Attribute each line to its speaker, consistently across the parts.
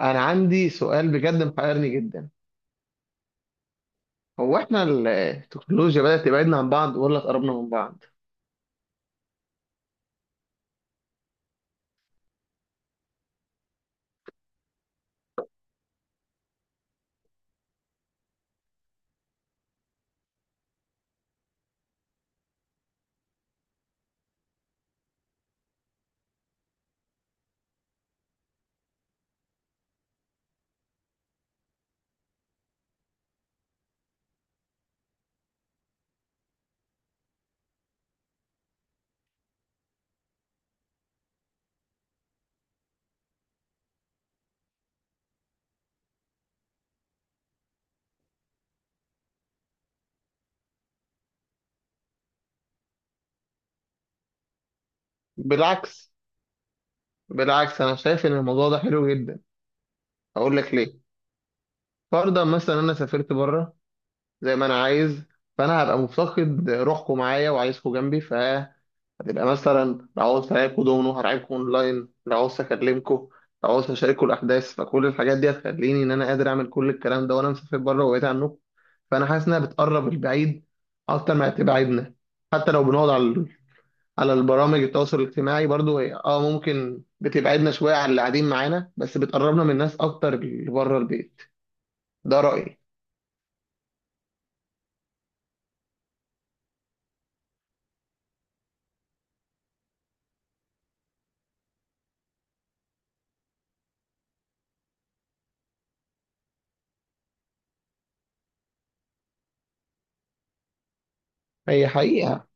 Speaker 1: انا عندي سؤال بجد محيرني جدا. هو احنا التكنولوجيا بدأت تبعدنا عن بعض ولا قربنا من بعض؟ بالعكس، بالعكس، انا شايف ان الموضوع ده حلو جدا. اقول لك ليه. فرضا مثلا انا سافرت بره زي ما انا عايز، فانا هبقى مفتقد روحكم معايا وعايزكم جنبي، فهتبقى مثلا لو عاوز ألاعبكوا دومينو هرعبكم اونلاين، لو عاوز اكلمكم، لو عاوز اشاركوا الاحداث، فكل الحاجات دي هتخليني ان انا قادر اعمل كل الكلام ده وانا مسافر بره وبعيد عنكم. فانا حاسس انها بتقرب البعيد اكتر ما تبعدنا. حتى لو بنقعد على البرامج التواصل الاجتماعي، برضو هي ممكن بتبعدنا شويه عن اللي قاعدين معانا، بس بتقربنا من الناس اكتر اللي بره البيت. ده رايي. هي حقيقه.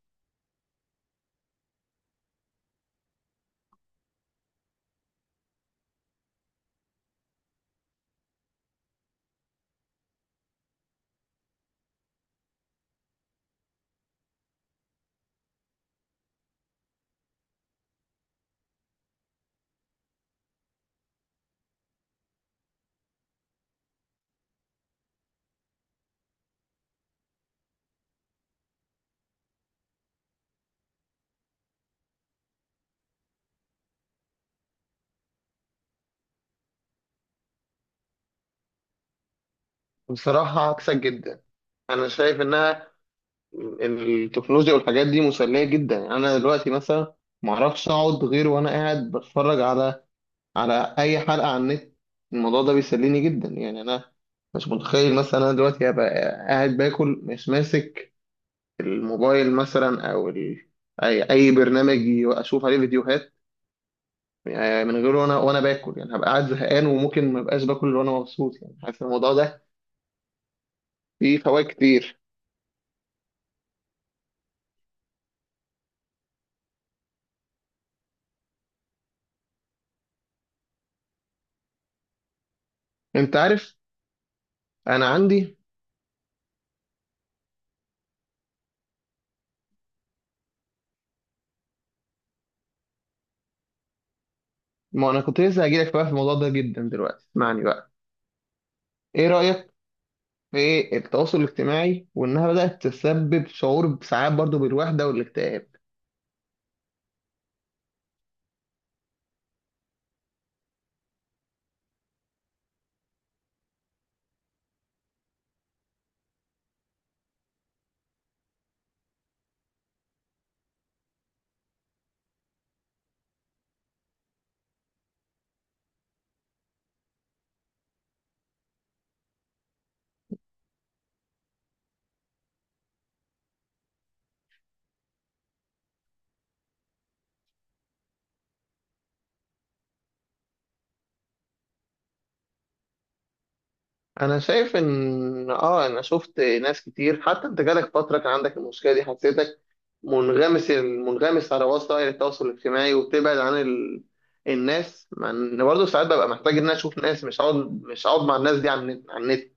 Speaker 1: بصراحه عكسك جدا. انا شايف انها التكنولوجيا والحاجات دي مسليه جدا. يعني انا دلوقتي مثلا ما اعرفش اقعد غير وانا قاعد بتفرج على اي حلقه على النت. الموضوع ده بيسليني جدا. يعني انا مش متخيل مثلا انا دلوقتي هبقى قاعد باكل مش ماسك الموبايل مثلا اي برنامج اشوف عليه فيديوهات. يعني من غيره، وانا باكل، يعني هبقى قاعد زهقان وممكن ما ابقاش باكل وانا مبسوط. يعني حاسس الموضوع ده فيه فوائد كتير. انت عارف، انا عندي ما انا كنت لسه هجيلك بقى في الموضوع ده جدا دلوقتي. اسمعني بقى. ايه رايك في التواصل الاجتماعي، وانها بدات تسبب شعور ساعات برضو بالوحده والاكتئاب؟ انا شايف ان انا شفت ناس كتير. حتى انت جالك فتره كان عندك المشكله دي، حسيتك منغمس، منغمس على وسائل التواصل الاجتماعي وبتبعد عن الناس. مع ان برضه ساعات ببقى محتاج ان انا اشوف ناس، مش هقعد مع الناس دي على النت.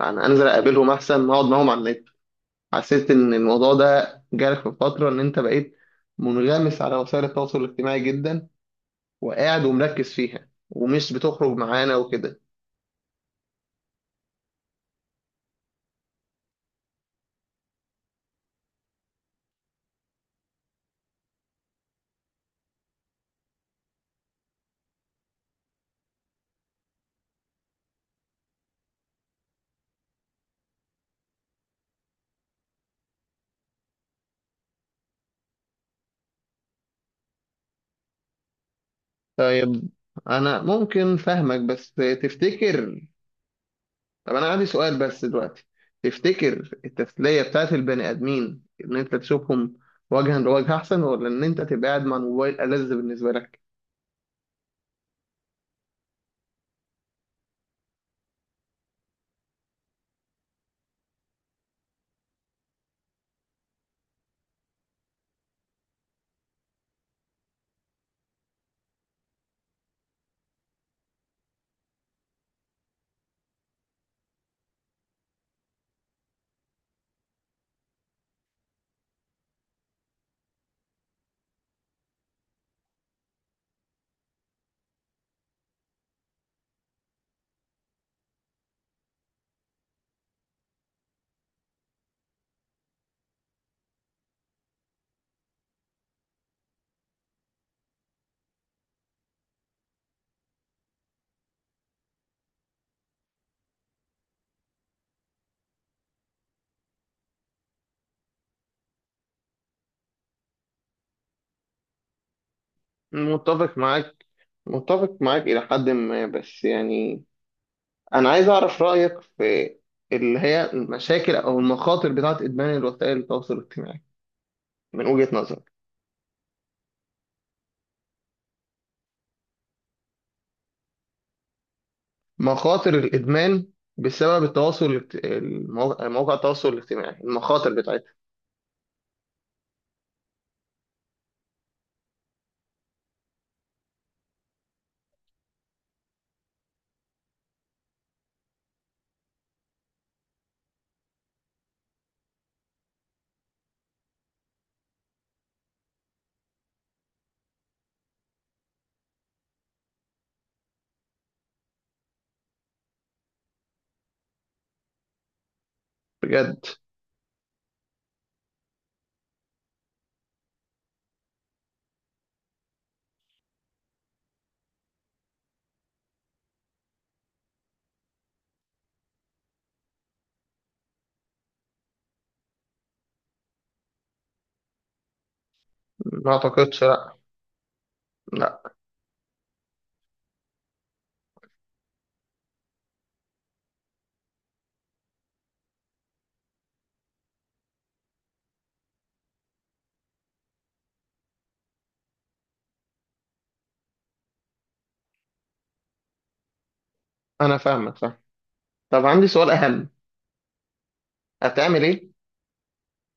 Speaker 1: يعني انزل اقابلهم احسن ما اقعد معاهم على النت. حسيت ان الموضوع ده جالك في فتره، ان انت بقيت منغمس على وسائل التواصل الاجتماعي جدا، وقاعد ومركز فيها ومش بتخرج معانا وكده. طيب، انا ممكن فاهمك، بس تفتكر، طب انا عندي سؤال بس دلوقتي، تفتكر التسلية بتاعت البني ادمين ان انت تشوفهم وجها لوجه احسن، ولا ان انت تبقى قاعد مع الموبايل ألذ بالنسبة لك؟ متفق معاك، متفق معاك إلى حد ما. بس يعني أنا عايز أعرف رأيك في اللي هي المشاكل أو المخاطر بتاعت إدمان الوسائل التواصل الاجتماعي من وجهة نظرك. مخاطر الإدمان بسبب التواصل مواقع التواصل الاجتماعي، المخاطر بتاعتها. بجد؟ ما أعتقدش، لأ. لأ، أنا فاهمك، فاهم. طب عندي سؤال أهم. هتعمل إيه؟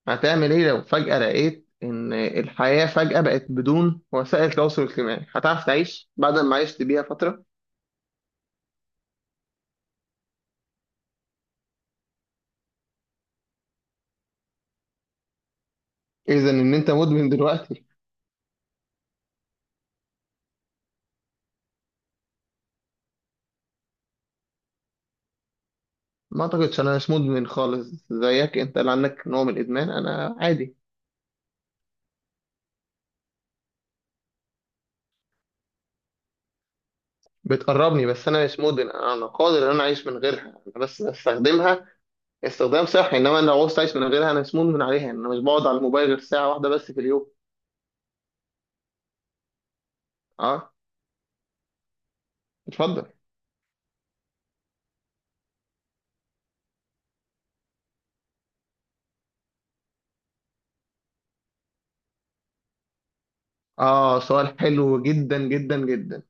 Speaker 1: هتعمل إيه لو فجأة لقيت إن الحياة فجأة بقت بدون وسائل تواصل اجتماعي؟ هتعرف تعيش بعد ما عشت بيها فترة؟ إذا إن أنت مدمن دلوقتي؟ ما أعتقدش، أنا مش مدمن خالص زيك، أنت اللي عندك نوع من الإدمان، أنا عادي. بتقربني بس أنا مش مدمن، أنا قادر إن أنا أعيش من غيرها، أنا بس بستخدمها استخدام صحي. انما انا لو عوزت اعيش من غيرها، انا مسموم من عليها. انا مش بقعد على الموبايل غير ساعه واحده بس في اليوم. اه. اتفضل. اه، سؤال حلو جدا جدا جدا.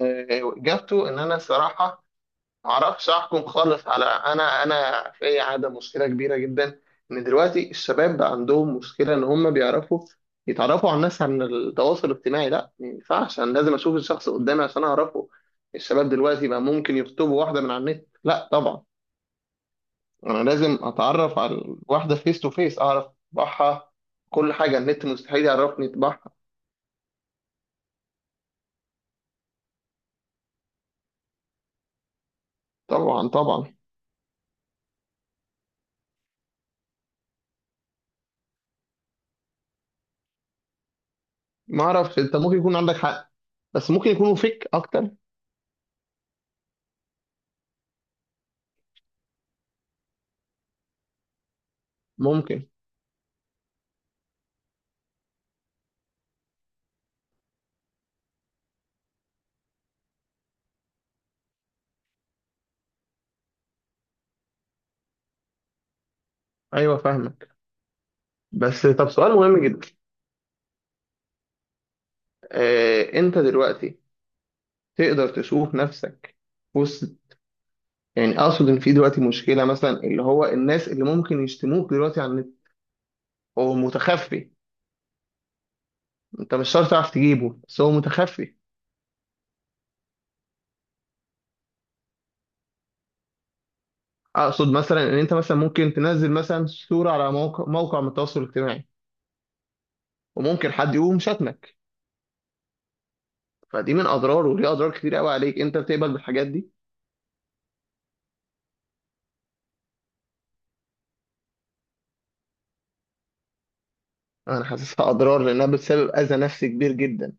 Speaker 1: آه، اجابته ان انا صراحه ما اعرفش احكم خالص على انا. في عاده مشكله كبيره جدا، ان دلوقتي الشباب بقى عندهم مشكله ان هم بيعرفوا يتعرفوا على الناس عن التواصل الاجتماعي. لا، ما ينفعش، انا لازم اشوف الشخص قدامي عشان اعرفه. الشباب دلوقتي بقى ممكن يخطبوا واحده من على النت؟ لا طبعا. انا لازم اتعرف على الواحده فيس تو فيس، اعرف طباعها. كل حاجه، النت مستحيل يعرفني طباعها. طبعا، طبعا. ما اعرفش، انت ممكن يكون عندك حق، بس ممكن يكونوا فيك اكتر. ممكن. ايوه، فاهمك، بس طب سؤال مهم جدا. انت دلوقتي تقدر تشوف نفسك وسط، يعني اقصد ان في دلوقتي مشكله مثلا، اللي هو الناس اللي ممكن يشتموك دلوقتي على النت، هو متخفي. انت مش شرط تعرف تجيبه، بس هو متخفي. اقصد مثلا ان انت مثلا ممكن تنزل مثلا صورة على موقع من التواصل الاجتماعي، وممكن حد يقوم شتمك. فدي من اضرار، وليها اضرار كتير قوي عليك. انت بتقبل بالحاجات دي؟ انا حاسسها اضرار لانها بتسبب اذى نفسي كبير جدا.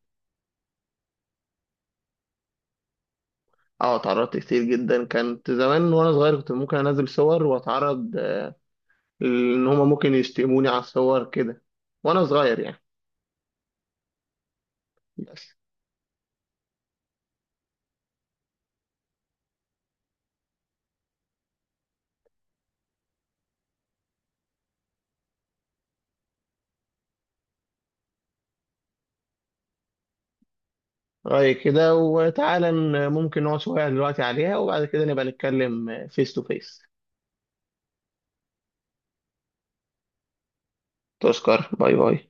Speaker 1: اه، اتعرضت كتير جدا. كانت زمان وانا صغير، كنت ممكن انزل صور واتعرض، ان هما ممكن يشتموني على الصور كده وانا صغير يعني. بس رأيي كده، وتعالى ممكن نقعد شوية دلوقتي عليها، وبعد كده نبقى نتكلم فيس تو فيس. تشكر، باي باي.